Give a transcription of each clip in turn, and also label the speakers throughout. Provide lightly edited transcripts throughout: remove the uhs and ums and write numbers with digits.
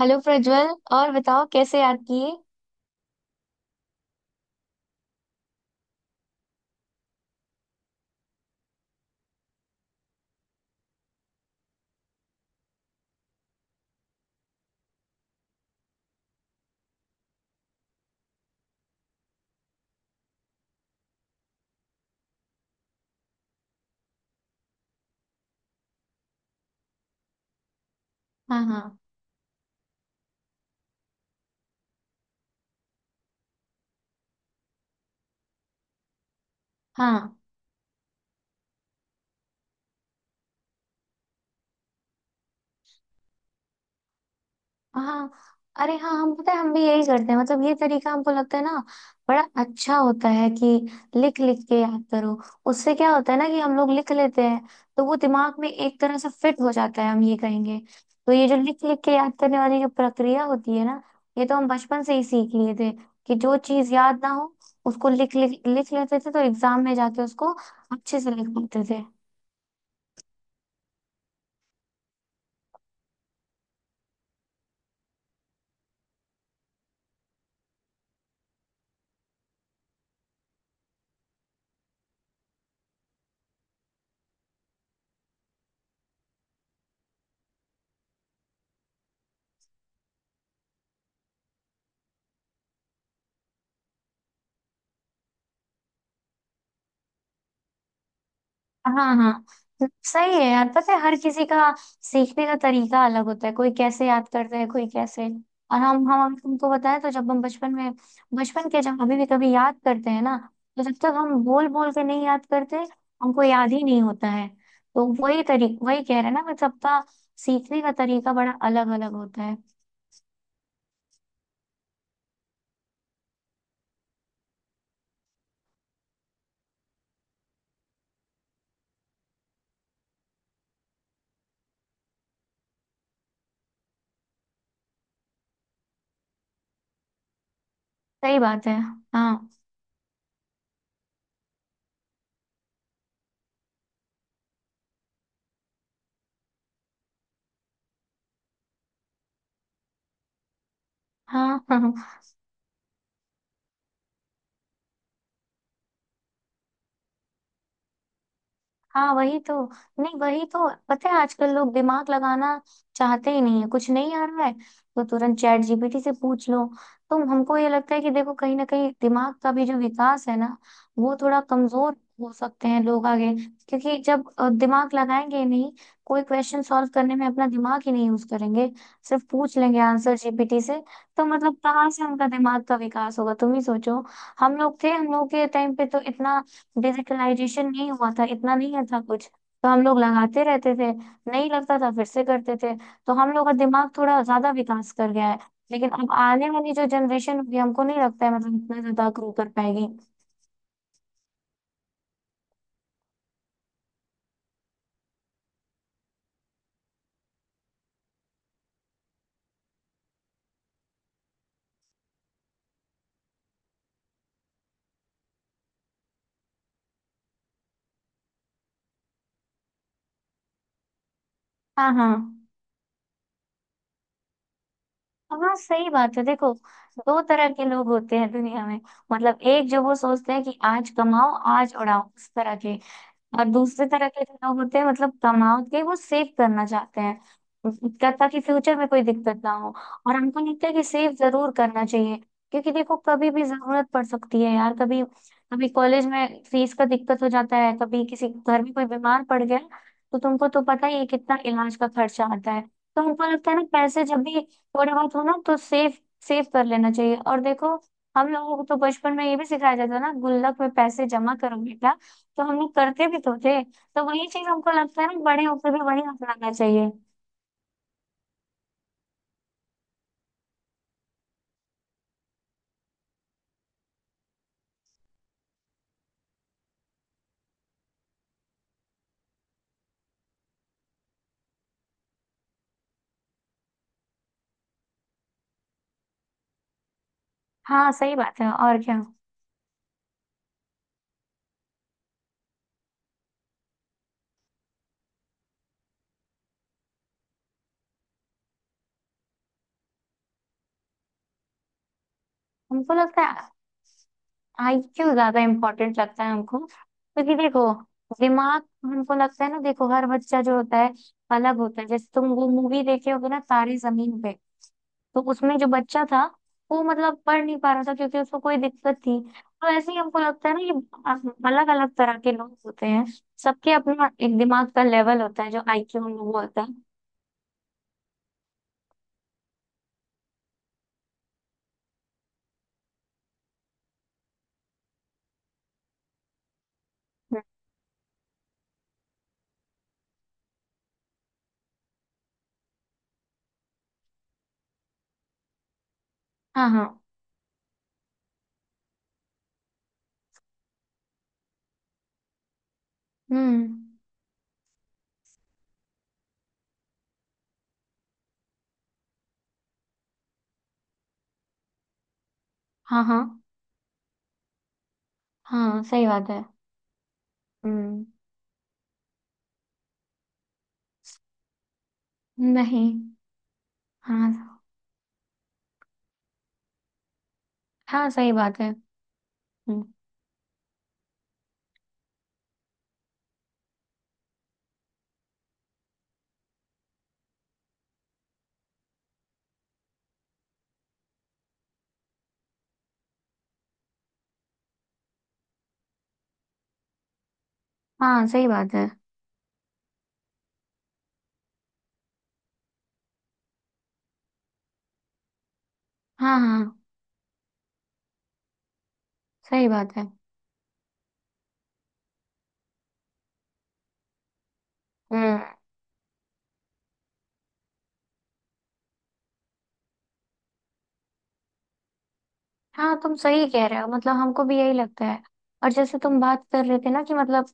Speaker 1: Hello Prajwal. और बताओ, कैसे याद किए? हाँ, हाँ। हाँ, हाँ। अरे हाँ, हम पता है, हम भी यही करते हैं। मतलब ये तरीका हमको लगता है ना, बड़ा अच्छा होता है कि लिख लिख के याद करो। उससे क्या होता है ना, कि हम लोग लिख लेते हैं, तो वो दिमाग में एक तरह से फिट हो जाता है, हम ये कहेंगे। तो ये जो लिख लिख के याद करने वाली जो प्रक्रिया होती है ना, ये तो हम बचपन से ही सीख लिए थे कि जो चीज याद ना हो, उसको लिख लिख लिख लेते थे, तो एग्जाम में जाके उसको अच्छे से लिख पाते थे। हाँ, हाँ। तो सही है यार। पता है, हर किसी का सीखने का तरीका अलग होता है। कोई कैसे याद करता है, कोई कैसे। और हम तुमको बताएं तो जब हम बचपन में, बचपन के, जब अभी भी कभी याद करते हैं ना, तो जब तक हम बोल बोल के नहीं याद करते, हमको याद ही नहीं होता है। तो वही तरी, वही कह रहे हैं ना कि सबका सीखने का तरीका बड़ा अलग अलग होता है। सही बात है। हाँ, हाँ। हाँ, वही तो। नहीं, वही तो। पता है, आजकल लोग दिमाग लगाना चाहते ही नहीं है। कुछ नहीं आ रहा है तो तुरंत चैट जीपीटी से पूछ लो। तो हमको ये लगता है कि देखो, कहीं ना कहीं दिमाग का भी जो विकास है ना, वो थोड़ा कमजोर हो सकते हैं लोग आगे। क्योंकि जब दिमाग लगाएंगे ही नहीं, कोई क्वेश्चन सॉल्व करने में अपना दिमाग ही नहीं यूज करेंगे, सिर्फ पूछ लेंगे आंसर जीपीटी से, तो मतलब कहाँ से उनका दिमाग का विकास होगा? तुम ही सोचो। हम लोग थे, हम लोग के टाइम पे तो इतना डिजिटलाइजेशन नहीं हुआ था, इतना नहीं था कुछ, तो हम लोग लगाते रहते थे। नहीं लगता था फिर से करते थे। तो हम लोग का दिमाग थोड़ा ज्यादा विकास कर गया है। लेकिन अब आने वाली जो जनरेशन होगी, हमको नहीं लगता है मतलब इतना ज्यादा ग्रो कर पाएगी। हाँ, हाँ। हाँ, सही बात है। देखो, दो तरह के लोग होते हैं दुनिया में। मतलब एक जो वो सोचते हैं कि आज कमाओ आज उड़ाओ, उस तरह के। और दूसरे तरह के जो लोग होते हैं, मतलब तनाव के, वो सेव करना चाहते हैं, ताकि फ्यूचर में कोई दिक्कत ना हो। और हमको लगता है कि सेव जरूर करना चाहिए, क्योंकि देखो कभी भी जरूरत पड़ सकती है यार। कभी कभी कॉलेज में फीस का दिक्कत हो जाता है, कभी किसी घर में कोई बीमार पड़ गया, तो तुमको तो पता ही है कितना इलाज का खर्चा आता है। तो हमको लगता है ना, पैसे जब भी थोड़े बहुत हो ना, तो सेव सेव कर लेना चाहिए। और देखो, हम लोगों को तो बचपन में ये भी सिखाया जाता है ना, गुल्लक में पैसे जमा करो बेटा। तो हम लोग करते भी तो थे, तो वही चीज हमको लगता है ना, बड़े होकर भी वही अपनाना चाहिए। हाँ, सही बात है। और क्या। हमको लगता है आईक्यू ज्यादा इम्पोर्टेंट लगता है हमको। क्योंकि देखो, दिमाग हमको लगता है ना, देखो हर बच्चा जो होता है अलग होता है। जैसे तुम वो मूवी देखे होगे ना, तारे जमीन पे। तो उसमें जो बच्चा था, वो मतलब पढ़ नहीं पा रहा था, क्योंकि उसको कोई दिक्कत थी। तो ऐसे ही हमको लगता है ना, ये अलग अलग तरह के लोग होते हैं। सबके अपना एक दिमाग का लेवल होता है जो आईक्यू हम लोग बोलते हैं। हाँ, हाँ। हम्म। हाँ, हाँ। हाँ, सही बात है। हम्म। नहीं। हाँ। हाँ, सही बात है। हम्म, हाँ सही बात है। हाँ, हाँ सही बात है। हम्म। हाँ तुम सही कह रहे हो, मतलब हमको भी यही लगता है। और जैसे तुम बात कर रहे थे ना कि मतलब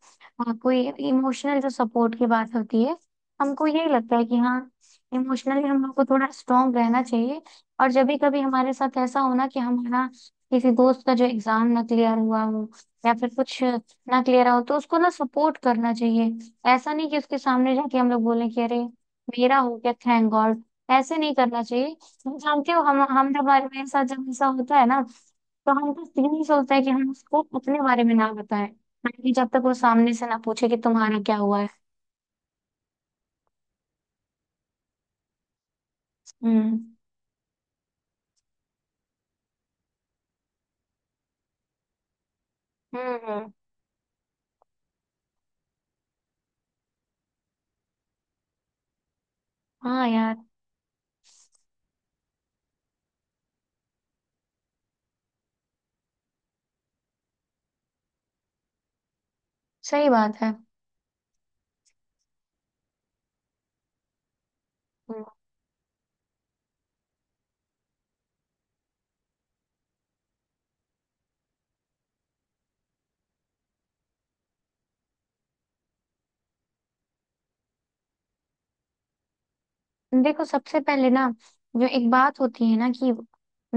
Speaker 1: कोई इमोशनल जो सपोर्ट की बात होती है, हमको यही लगता है कि हाँ, इमोशनली हम लोग को थोड़ा स्ट्रांग रहना चाहिए। और जब भी कभी हमारे साथ ऐसा हो ना कि हमारा किसी दोस्त का जो एग्जाम ना क्लियर हुआ हो, या फिर कुछ ना क्लियर हो, तो उसको ना सपोर्ट करना चाहिए। ऐसा नहीं कि उसके सामने जाके हम लोग बोलें कि अरे मेरा हो गया, थैंक गॉड। ऐसे नहीं करना चाहिए। जानते हो, हम जब हमारे साथ जब ऐसा होता है ना, तो हम बस यही सोचते हैं कि हम उसको अपने बारे में ना बताएं, ताकि जब तक वो सामने से ना पूछे कि तुम्हारा क्या हुआ है। हम्म। हम्म। हम्म। हाँ यार, सही बात है। हम्म। देखो सबसे पहले ना, जो एक बात होती है ना कि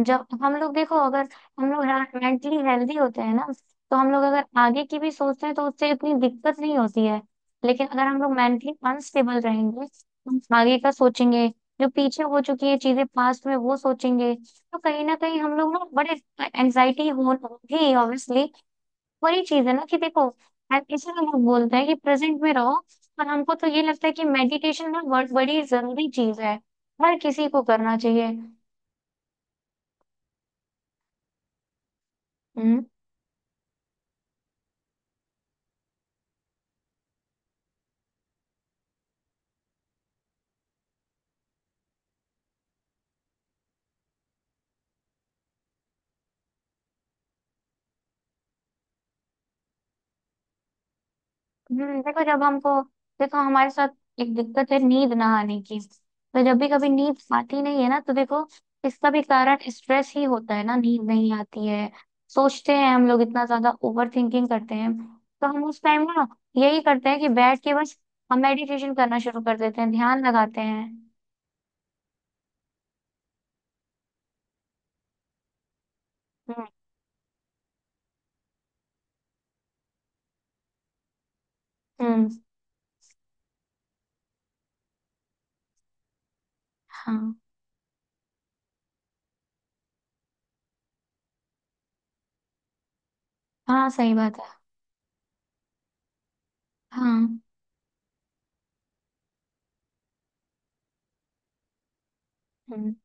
Speaker 1: जब हम लोग, देखो अगर हम लोग मेंटली हेल्दी होते हैं ना, तो हम लोग अगर आगे की भी सोचते हैं तो उससे इतनी दिक्कत नहीं होती है। लेकिन अगर हम लोग मेंटली अनस्टेबल रहेंगे, हम आगे का सोचेंगे, जो पीछे हो चुकी है चीजें पास्ट में वो सोचेंगे, तो कहीं ना कहीं हम लोग ना बड़े एंजाइटी हो होगी ऑब्वियसली। वही चीज है ना, कि देखो हम इसीलिए लोग बोलते हैं कि प्रेजेंट में रहो। पर हमको तो ये लगता है कि मेडिटेशन ना बहुत बड़ी जरूरी चीज है, हर किसी को करना चाहिए। हम्म। देखो जब हमको, देखो हमारे साथ एक दिक्कत है नींद ना आने की। तो जब भी कभी नींद आती नहीं है ना, तो देखो इसका भी कारण स्ट्रेस ही होता है ना, नींद नहीं आती है। सोचते हैं हम लोग इतना ज्यादा ओवर थिंकिंग करते हैं। तो हम उस टाइम ना यही करते हैं कि बैठ के बस हम मेडिटेशन करना शुरू कर देते हैं, ध्यान लगाते हैं। हम्म। हम्म। हाँ। हाँ, सही बात है। हाँ। हम्म।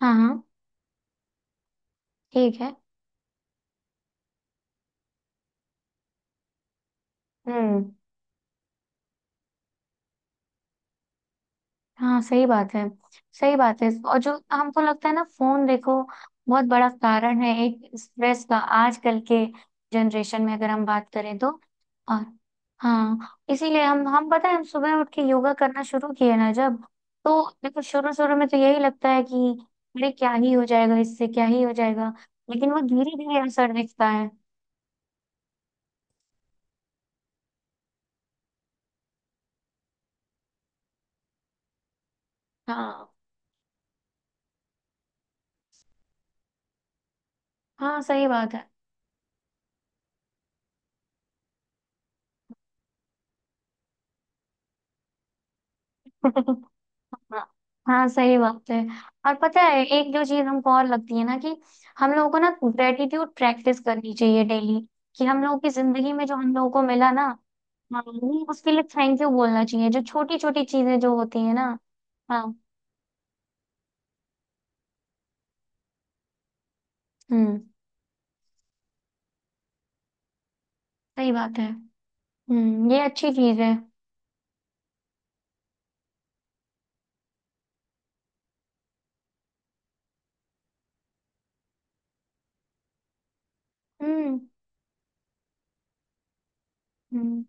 Speaker 1: हाँ, हाँ। ठीक है। हम्म। हाँ, सही बात है। सही बात है। और जो हमको लगता है ना, फोन देखो बहुत बड़ा कारण है एक स्ट्रेस का आजकल के जनरेशन में, अगर हम बात करें तो। और हाँ, इसीलिए हम पता है हम सुबह उठ के योगा करना शुरू किए ना, जब। तो देखो, शुरू शुरू में तो यही लगता है कि अरे क्या ही हो जाएगा, इससे क्या ही हो जाएगा। लेकिन वो धीरे धीरे असर दिखता है। हाँ, हाँ सही बात है। हाँ, हाँ, सही बात है। और पता है, एक जो चीज हमको और लगती है ना कि हम लोगों को ना ग्रेटिट्यूड प्रैक्टिस करनी चाहिए डेली, कि हम लोगों की जिंदगी में जो हम लोगों को मिला ना, हाँ, हमें उसके लिए थैंक यू बोलना चाहिए, जो छोटी छोटी चीजें जो होती है ना। हाँ। हम्म। सही बात है। हम्म, ये अच्छी चीज है। हम्म। हम्म।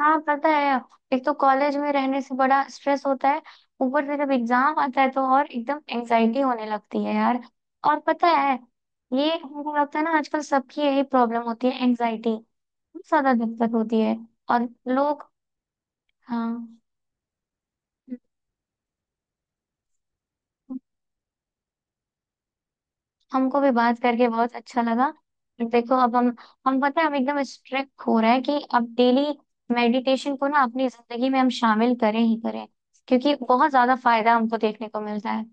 Speaker 1: हाँ पता है, एक तो कॉलेज में रहने से बड़ा स्ट्रेस होता है। ऊपर से जब एग्जाम आता है तो और एकदम एंजाइटी होने लगती है यार। और पता है, ये हमको लगता है ना, आजकल सबकी यही प्रॉब्लम होती है, एंजाइटी। बहुत ज्यादा दिक्कत होती है। और लोग। हाँ, हमको भी बात करके बहुत अच्छा लगा। देखो अब हम पता है हम एकदम स्ट्रिक्ट हो रहे हैं कि अब डेली मेडिटेशन को ना अपनी जिंदगी में हम शामिल करें ही करें, क्योंकि बहुत ज्यादा फायदा हमको देखने को मिलता है।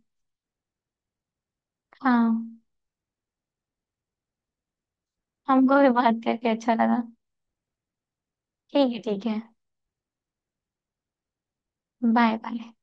Speaker 1: हाँ, हमको भी बात करके अच्छा लगा। ठीक है, ठीक है। Bye, bye.